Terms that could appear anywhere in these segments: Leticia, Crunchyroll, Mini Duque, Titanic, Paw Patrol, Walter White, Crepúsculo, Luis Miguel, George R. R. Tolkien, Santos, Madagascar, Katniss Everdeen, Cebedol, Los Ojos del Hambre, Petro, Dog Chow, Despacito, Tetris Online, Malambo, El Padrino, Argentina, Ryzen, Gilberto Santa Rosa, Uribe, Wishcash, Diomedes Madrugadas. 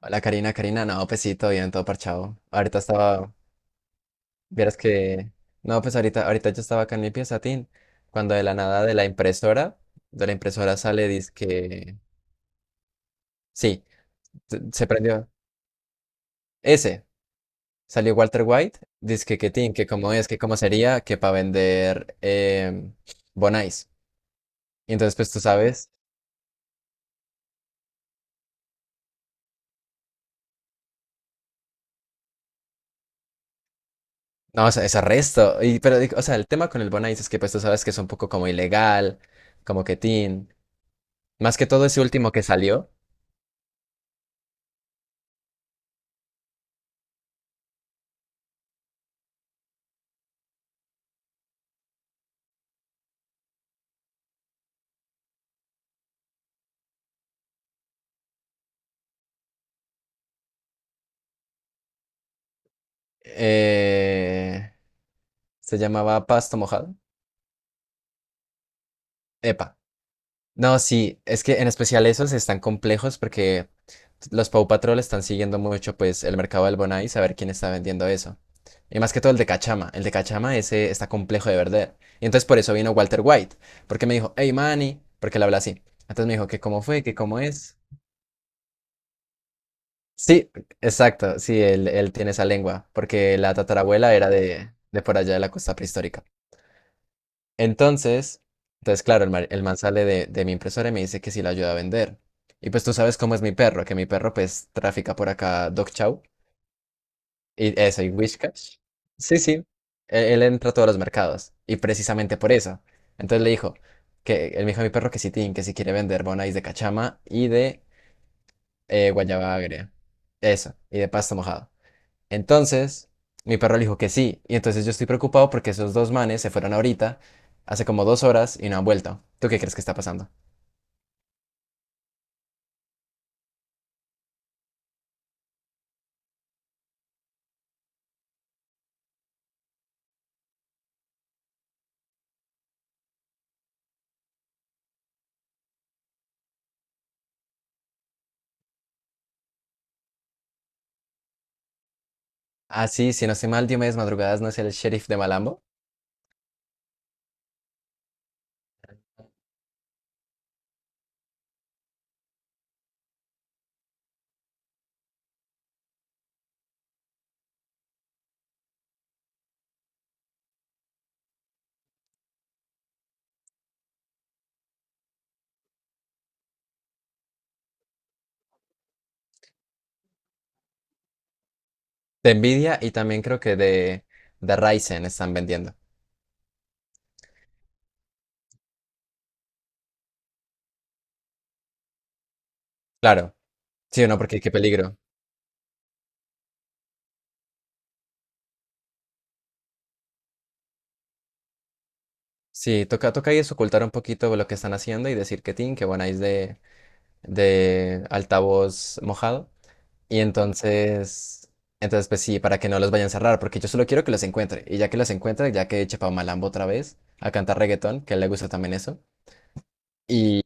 Hola Karina, no, pues sí, todo bien, todo parchado. Ahorita estaba, vieras que, no, pues ahorita yo estaba acá en mi pieza, Tin, cuando de la nada de la impresora sale, dizque, sí, se prendió, ese, salió Walter White, dizque que Tin, que cómo es, que cómo sería, que para vender Bonais. Y entonces, pues tú sabes, no, o sea, es arresto, y, pero, digo, o sea, el tema con el Bonais es que, pues tú sabes que es un poco como ilegal, como que Tin, más que todo ese último que salió. Eh, se llamaba pasta mojada. Epa. No, sí, es que en especial esos están complejos porque los Paw Patrol están siguiendo mucho pues el mercado del Bonai saber quién está vendiendo eso. Y más que todo el de Cachama. El de Cachama ese está complejo de vender. Y entonces por eso vino Walter White. Porque me dijo, hey Manny, porque le habla así. Entonces me dijo que cómo fue, que cómo es. Sí, exacto, sí, él tiene esa lengua. Porque la tatarabuela era de por allá de la costa prehistórica. Entonces, entonces claro, el man sale de mi impresora y me dice que si la ayuda a vender. Y pues tú sabes cómo es mi perro, que mi perro pues trafica por acá Dog Chow y eso, y Wishcash. Sí, sí, él entra a todos los mercados y precisamente por eso. Entonces le dijo que él me dijo a mi perro que si tin, que si quiere vender bonais de cachama y de guayaba agria. Eso, y de pasto mojado. Entonces, mi perro le dijo que sí. Y entonces yo estoy preocupado porque esos dos manes se fueron ahorita, hace como 2 horas, y no han vuelto. ¿Tú qué crees que está pasando? Ah, sí, si no estoy mal, Diomedes Madrugadas no es el sheriff de Malambo. De Envidia y también creo que de Ryzen están vendiendo. Claro, sí o no, porque qué peligro. Sí, toca, toca ahí es ocultar un poquito lo que están haciendo y decir que Tin, que bueno, ahí es de altavoz mojado. Y entonces pues sí, para que no los vayan a cerrar, porque yo solo quiero que los encuentre. Y ya que los encuentre, ya que eche pa' Malambo otra vez a cantar reggaetón, que a él le gusta también eso. Y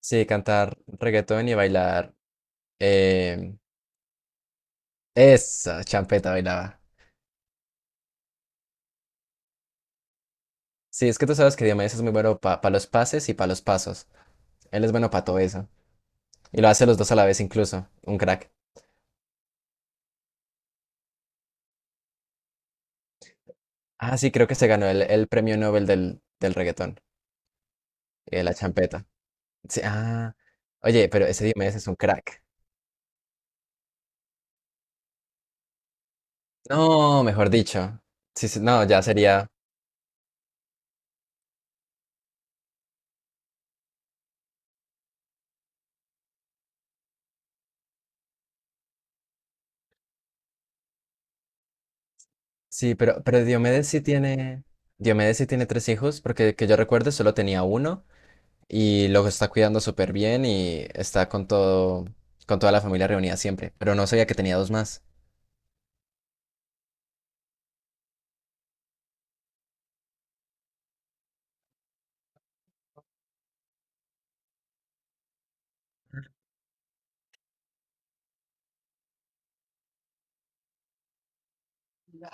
sí, cantar reggaetón y bailar. eh, esa champeta bailaba. Sí, es que tú sabes que Diomedes es muy bueno para los pases y para los pasos. Él es bueno para todo eso. Y lo hace los dos a la vez incluso. Un crack. Ah, sí, creo que se ganó el premio Nobel del reggaetón y de la champeta. Sí, ah, oye, pero ese Diomedes es un crack. No, mejor dicho. Sí, sí, no, ya sería. Sí, pero Diomedes sí tiene. Diomedes sí tiene tres hijos, porque que yo recuerde solo tenía uno y lo está cuidando súper bien y está con toda la familia reunida siempre. Pero no sabía que tenía dos más.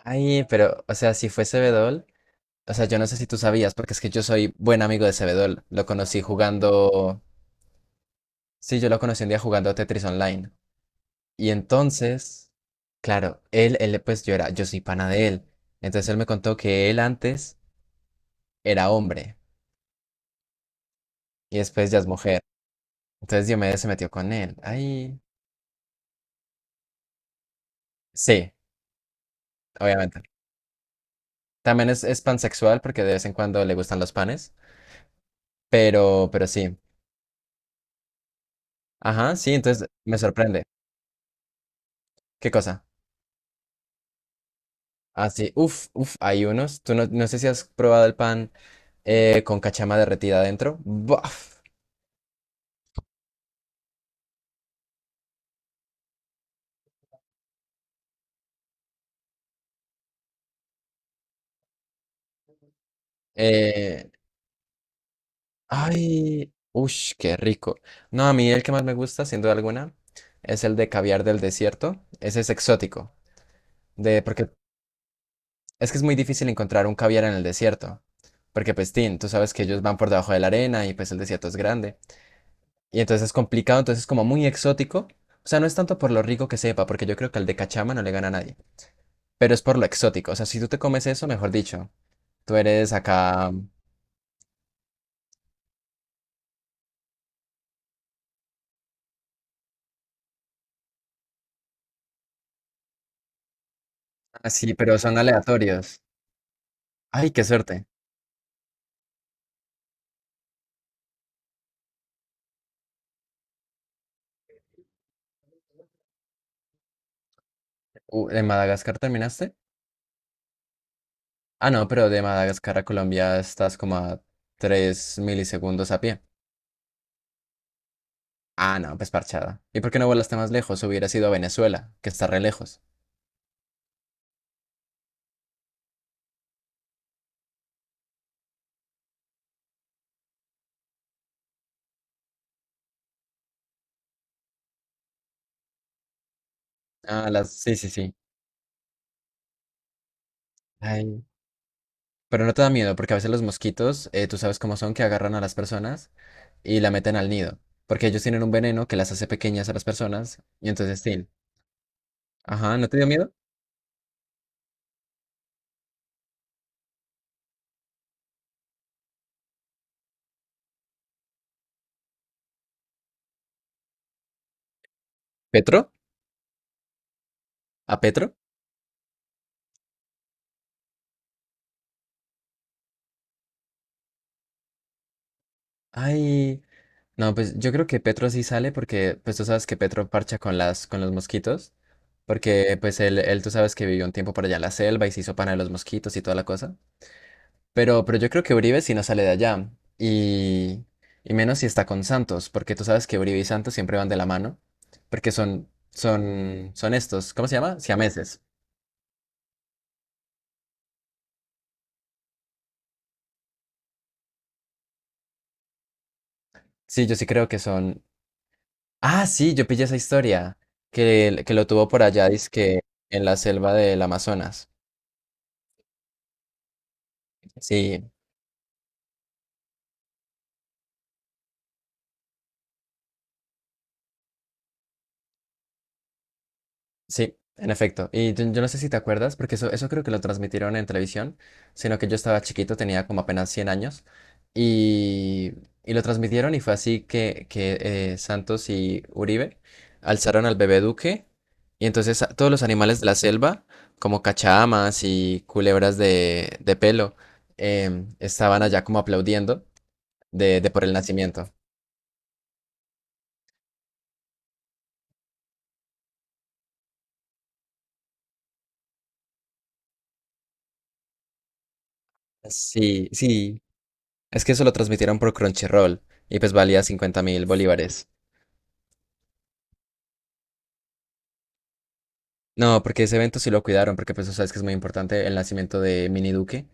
Ay, pero, o sea, si fue Cebedol, o sea, yo no sé si tú sabías, porque es que yo soy buen amigo de Cebedol. Lo conocí jugando. Sí, yo lo conocí un día jugando Tetris Online. Y entonces, claro, él, pues yo soy pana de él. Entonces él me contó que él antes era hombre y después ya es mujer. Entonces Diomedes se metió con él. Ay, sí, obviamente. También es pansexual porque de vez en cuando le gustan los panes, pero sí. Ajá, sí, entonces me sorprende. ¿Qué cosa? Ah, sí, uf, uf, hay unos. Tú no sé si has probado el pan con cachama derretida adentro. Buf. Ay, uff, qué rico. No, a mí el que más me gusta, sin duda alguna, es el de caviar del desierto. Ese es exótico, de porque es que es muy difícil encontrar un caviar en el desierto, porque pues tin, tú sabes que ellos van por debajo de la arena y pues el desierto es grande. Y entonces es complicado, entonces es como muy exótico. O sea, no es tanto por lo rico que sepa, porque yo creo que al de cachama no le gana a nadie, pero es por lo exótico. O sea, si tú te comes eso, mejor dicho, tú eres acá. Ah, sí, pero son aleatorios. Ay, qué suerte. ¿En Madagascar terminaste? Ah, no, pero de Madagascar a Colombia estás como a 3 milisegundos a pie. Ah, no, pues parchada. ¿Y por qué no volaste más lejos? Hubiera sido a Venezuela, que está re lejos. Ah, sí, sí, sí. Ay. Pero no te da miedo, porque a veces los mosquitos, tú sabes cómo son, que agarran a las personas y la meten al nido. Porque ellos tienen un veneno que las hace pequeñas a las personas. Y entonces, sí. Ajá, ¿no te dio miedo? ¿Petro? ¿A Petro? Ay, no, pues yo creo que Petro sí sale porque, pues tú sabes que Petro parcha con las, con los mosquitos, porque pues él tú sabes que vivió un tiempo por allá en la selva y se hizo pana de los mosquitos y toda la cosa. Pero yo creo que Uribe sí no sale de allá y, y menos si está con Santos, porque tú sabes que Uribe y Santos siempre van de la mano, porque son estos, ¿cómo se llama? Siameses. Sí, yo sí creo que son. Ah, sí, yo pillé esa historia que lo tuvo por allá, dizque en la selva del Amazonas. Sí, sí, en efecto. Y yo no sé si te acuerdas, porque eso creo que lo transmitieron en televisión, sino que yo estaba chiquito, tenía como apenas 100 años, y, y lo transmitieron y fue así que Santos y Uribe alzaron al bebé Duque, y entonces todos los animales de la selva, como cachamas y culebras de pelo, estaban allá como aplaudiendo de por el nacimiento. Sí, sí. Es que eso lo transmitieron por Crunchyroll y pues valía 50.000 bolívares. No, porque ese evento sí lo cuidaron, porque pues tú sabes que es muy importante el nacimiento de Mini Duque.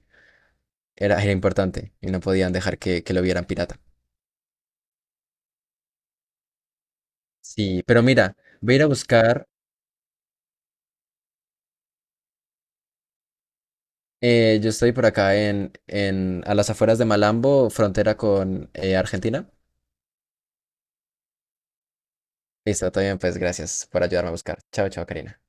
Era importante y no podían dejar que lo vieran pirata. Sí, pero mira, voy a ir a buscar. Yo estoy por acá en, a las afueras de Malambo, frontera con Argentina. Listo, todo bien, pues gracias por ayudarme a buscar. Chao, chao, Karina.